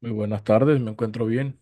Muy buenas tardes, me encuentro bien.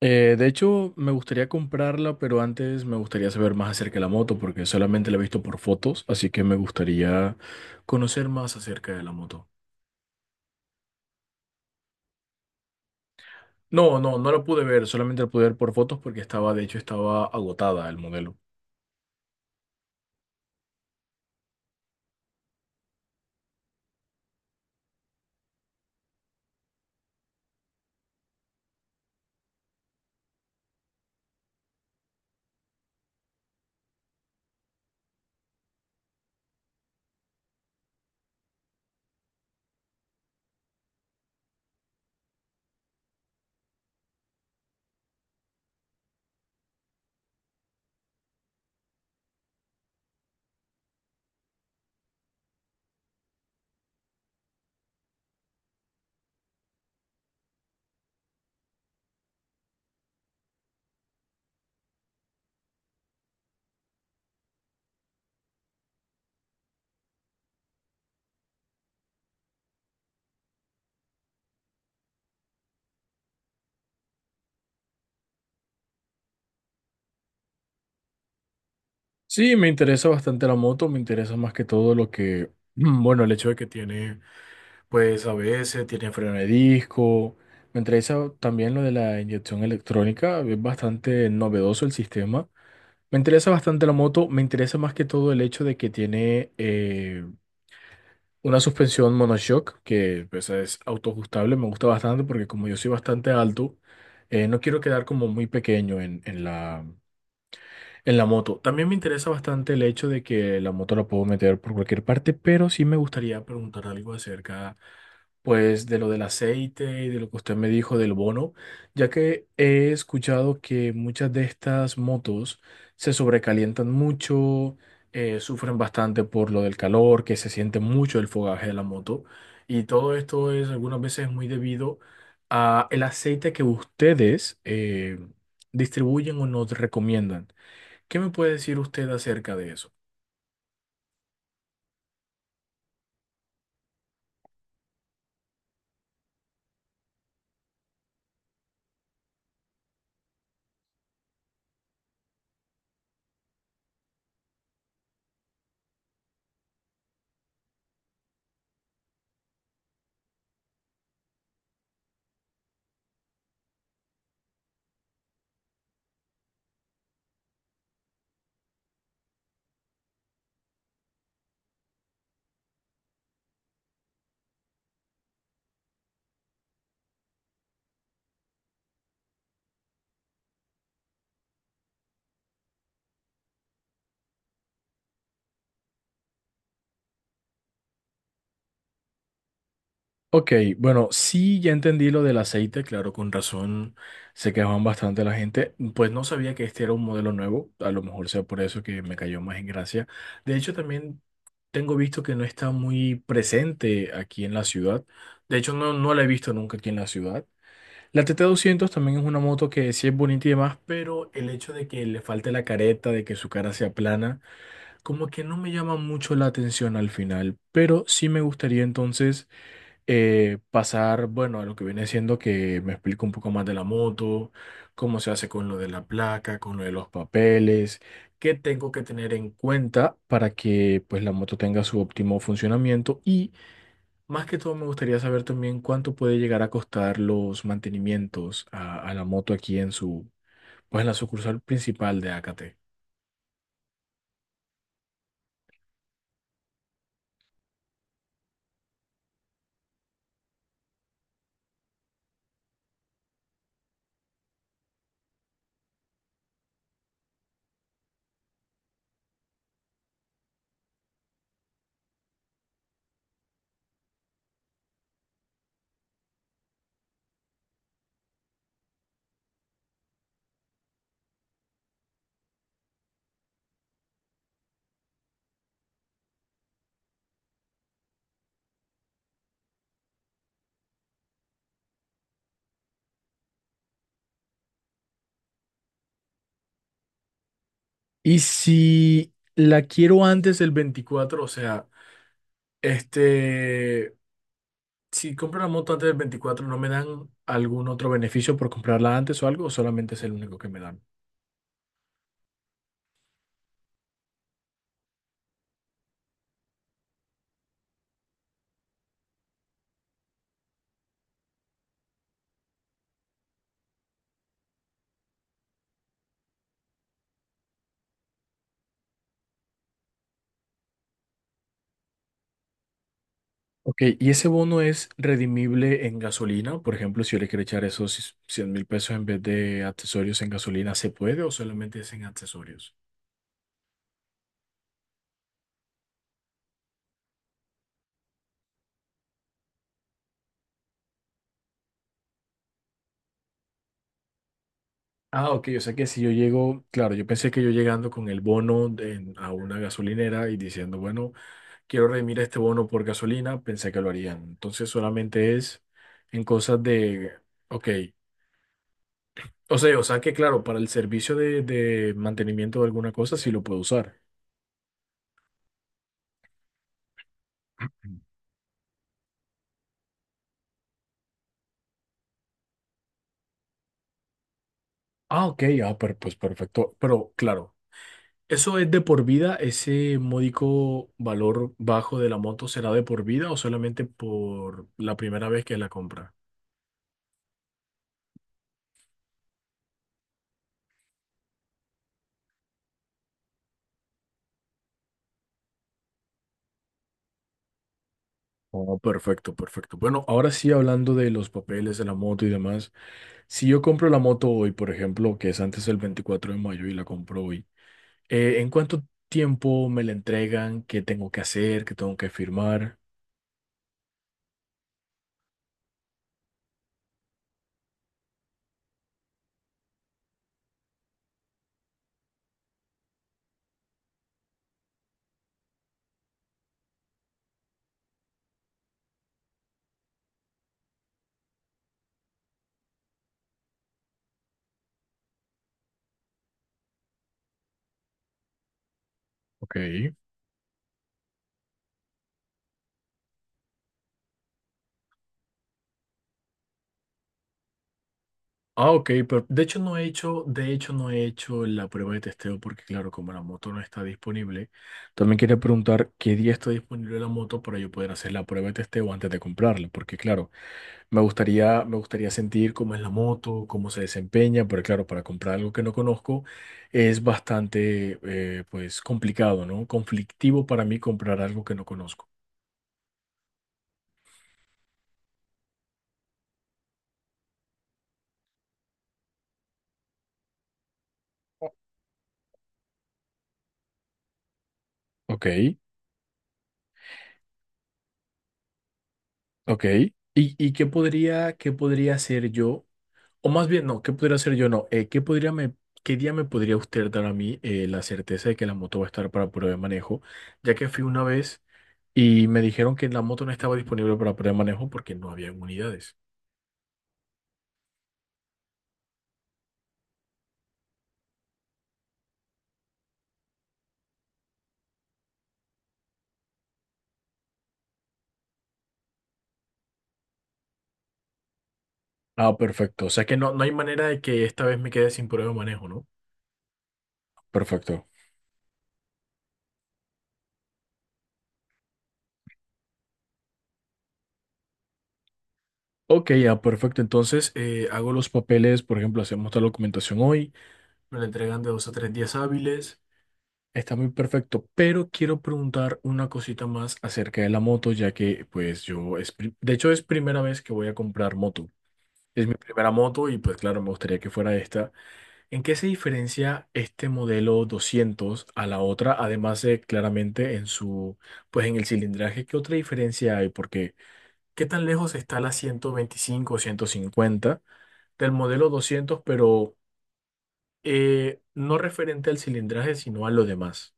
De hecho, me gustaría comprarla, pero antes me gustaría saber más acerca de la moto, porque solamente la he visto por fotos, así que me gustaría conocer más acerca de la moto. No, no, no la pude ver, solamente la pude ver por fotos porque estaba, de hecho, estaba agotada el modelo. Sí, me interesa bastante la moto, me interesa más que todo lo que, bueno, el hecho de que tiene, pues, ABS, tiene freno de disco. Me interesa también lo de la inyección electrónica, es bastante novedoso el sistema. Me interesa bastante la moto, me interesa más que todo el hecho de que tiene una suspensión monoshock, que pues, es autoajustable, me gusta bastante porque como yo soy bastante alto, no quiero quedar como muy pequeño en la, en la moto. También me interesa bastante el hecho de que la moto la puedo meter por cualquier parte, pero sí me gustaría preguntar algo acerca, pues, de lo del aceite y de lo que usted me dijo del bono, ya que he escuchado que muchas de estas motos se sobrecalientan mucho, sufren bastante por lo del calor, que se siente mucho el fogaje de la moto, y todo esto es algunas veces muy debido a el aceite que ustedes distribuyen o nos recomiendan. ¿Qué me puede decir usted acerca de eso? Ok, bueno, sí, ya entendí lo del aceite, claro, con razón se quejaban bastante la gente, pues no sabía que este era un modelo nuevo, a lo mejor sea por eso que me cayó más en gracia. De hecho, también tengo visto que no está muy presente aquí en la ciudad, de hecho no, no la he visto nunca aquí en la ciudad. La tt 200 también es una moto que sí es bonita y demás, pero el hecho de que le falte la careta, de que su cara sea plana, como que no me llama mucho la atención al final, pero sí me gustaría entonces pasar, bueno, a lo que viene siendo que me explique un poco más de la moto, cómo se hace con lo de la placa, con lo de los papeles, qué tengo que tener en cuenta para que pues la moto tenga su óptimo funcionamiento y más que todo me gustaría saber también cuánto puede llegar a costar los mantenimientos a la moto aquí en su, pues en la sucursal principal de AKT. Y si la quiero antes del 24, o sea, este, si compro la moto antes del 24, ¿no me dan algún otro beneficio por comprarla antes o algo? ¿O solamente es el único que me dan? Ok, y ese bono es redimible en gasolina. Por ejemplo, si yo le quiero echar esos $100.000 en vez de accesorios en gasolina, ¿se puede o solamente es en accesorios? Ah, ok, o sea que si yo llego, claro, yo pensé que yo llegando con el a una gasolinera y diciendo, bueno, quiero redimir este bono por gasolina, pensé que lo harían. Entonces solamente es en cosas de, ok, o sea que claro, para el servicio de mantenimiento de alguna cosa sí lo puedo usar. Ujú. Ah, ok, ah, pues perfecto. Pero claro, ¿eso es de por vida? ¿Ese módico valor bajo de la moto será de por vida o solamente por la primera vez que la compra? Oh, perfecto, perfecto. Bueno, ahora sí hablando de los papeles de la moto y demás. Si yo compro la moto hoy, por ejemplo, que es antes del 24 de mayo y la compro hoy, ¿en cuánto tiempo me la entregan? ¿Qué tengo que hacer? ¿Qué tengo que firmar? Ok. Ah, ok, pero de hecho no he hecho, de hecho no he hecho la prueba de testeo porque claro, como la moto no está disponible, también quería preguntar qué día está disponible la moto para yo poder hacer la prueba de testeo antes de comprarla, porque claro, me gustaría sentir cómo es la moto, cómo se desempeña, pero claro, para comprar algo que no conozco es bastante pues complicado, ¿no? Conflictivo para mí comprar algo que no conozco. Ok. Ok. Y qué podría hacer yo? O más bien, no, ¿qué podría hacer yo? No, ¿qué podría qué día me podría usted dar a mí la certeza de que la moto va a estar para prueba de manejo? Ya que fui una vez y me dijeron que la moto no estaba disponible para prueba de manejo porque no había unidades. Ah, perfecto. O sea que no, no hay manera de que esta vez me quede sin prueba de manejo, ¿no? Perfecto. Ok, ya, perfecto. Entonces, hago los papeles, por ejemplo, hacemos la documentación hoy, me la entregan de dos a tres días hábiles. Está muy perfecto, pero quiero preguntar una cosita más acerca de la moto, ya que pues yo, es de hecho es primera vez que voy a comprar moto. Es mi primera moto y pues claro, me gustaría que fuera esta. ¿En qué se diferencia este modelo 200 a la otra? Además de claramente en su, pues en el cilindraje, ¿qué otra diferencia hay? Porque ¿qué tan lejos está la 125 o 150 del modelo 200 pero no referente al cilindraje, sino a lo demás?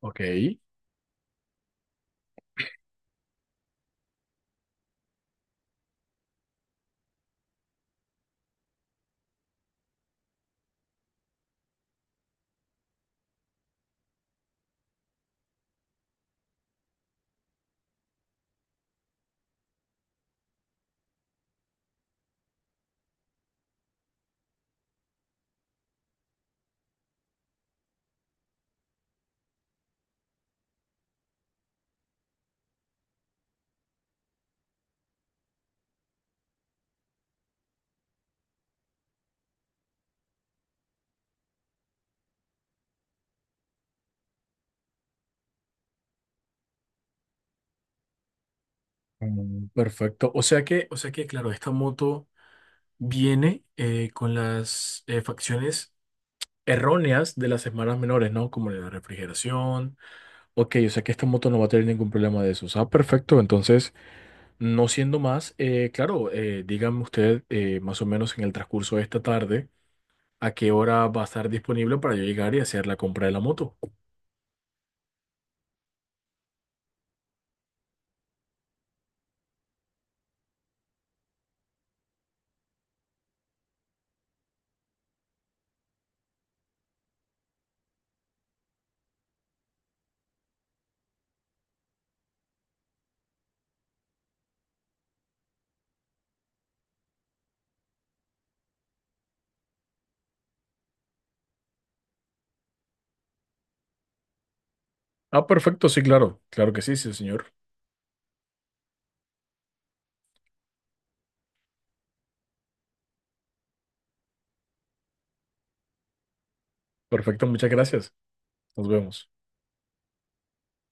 Ok. Mm, perfecto. O sea que, claro, esta moto viene con las facciones erróneas de las hermanas menores, ¿no? Como la refrigeración. Ok, o sea que esta moto no va a tener ningún problema de eso. Ah, perfecto. Entonces, no siendo más, claro, dígame usted más o menos en el transcurso de esta tarde a qué hora va a estar disponible para yo llegar y hacer la compra de la moto. Ah, perfecto. Sí, claro. Claro que sí, sí, señor. Perfecto. Muchas gracias. Nos vemos.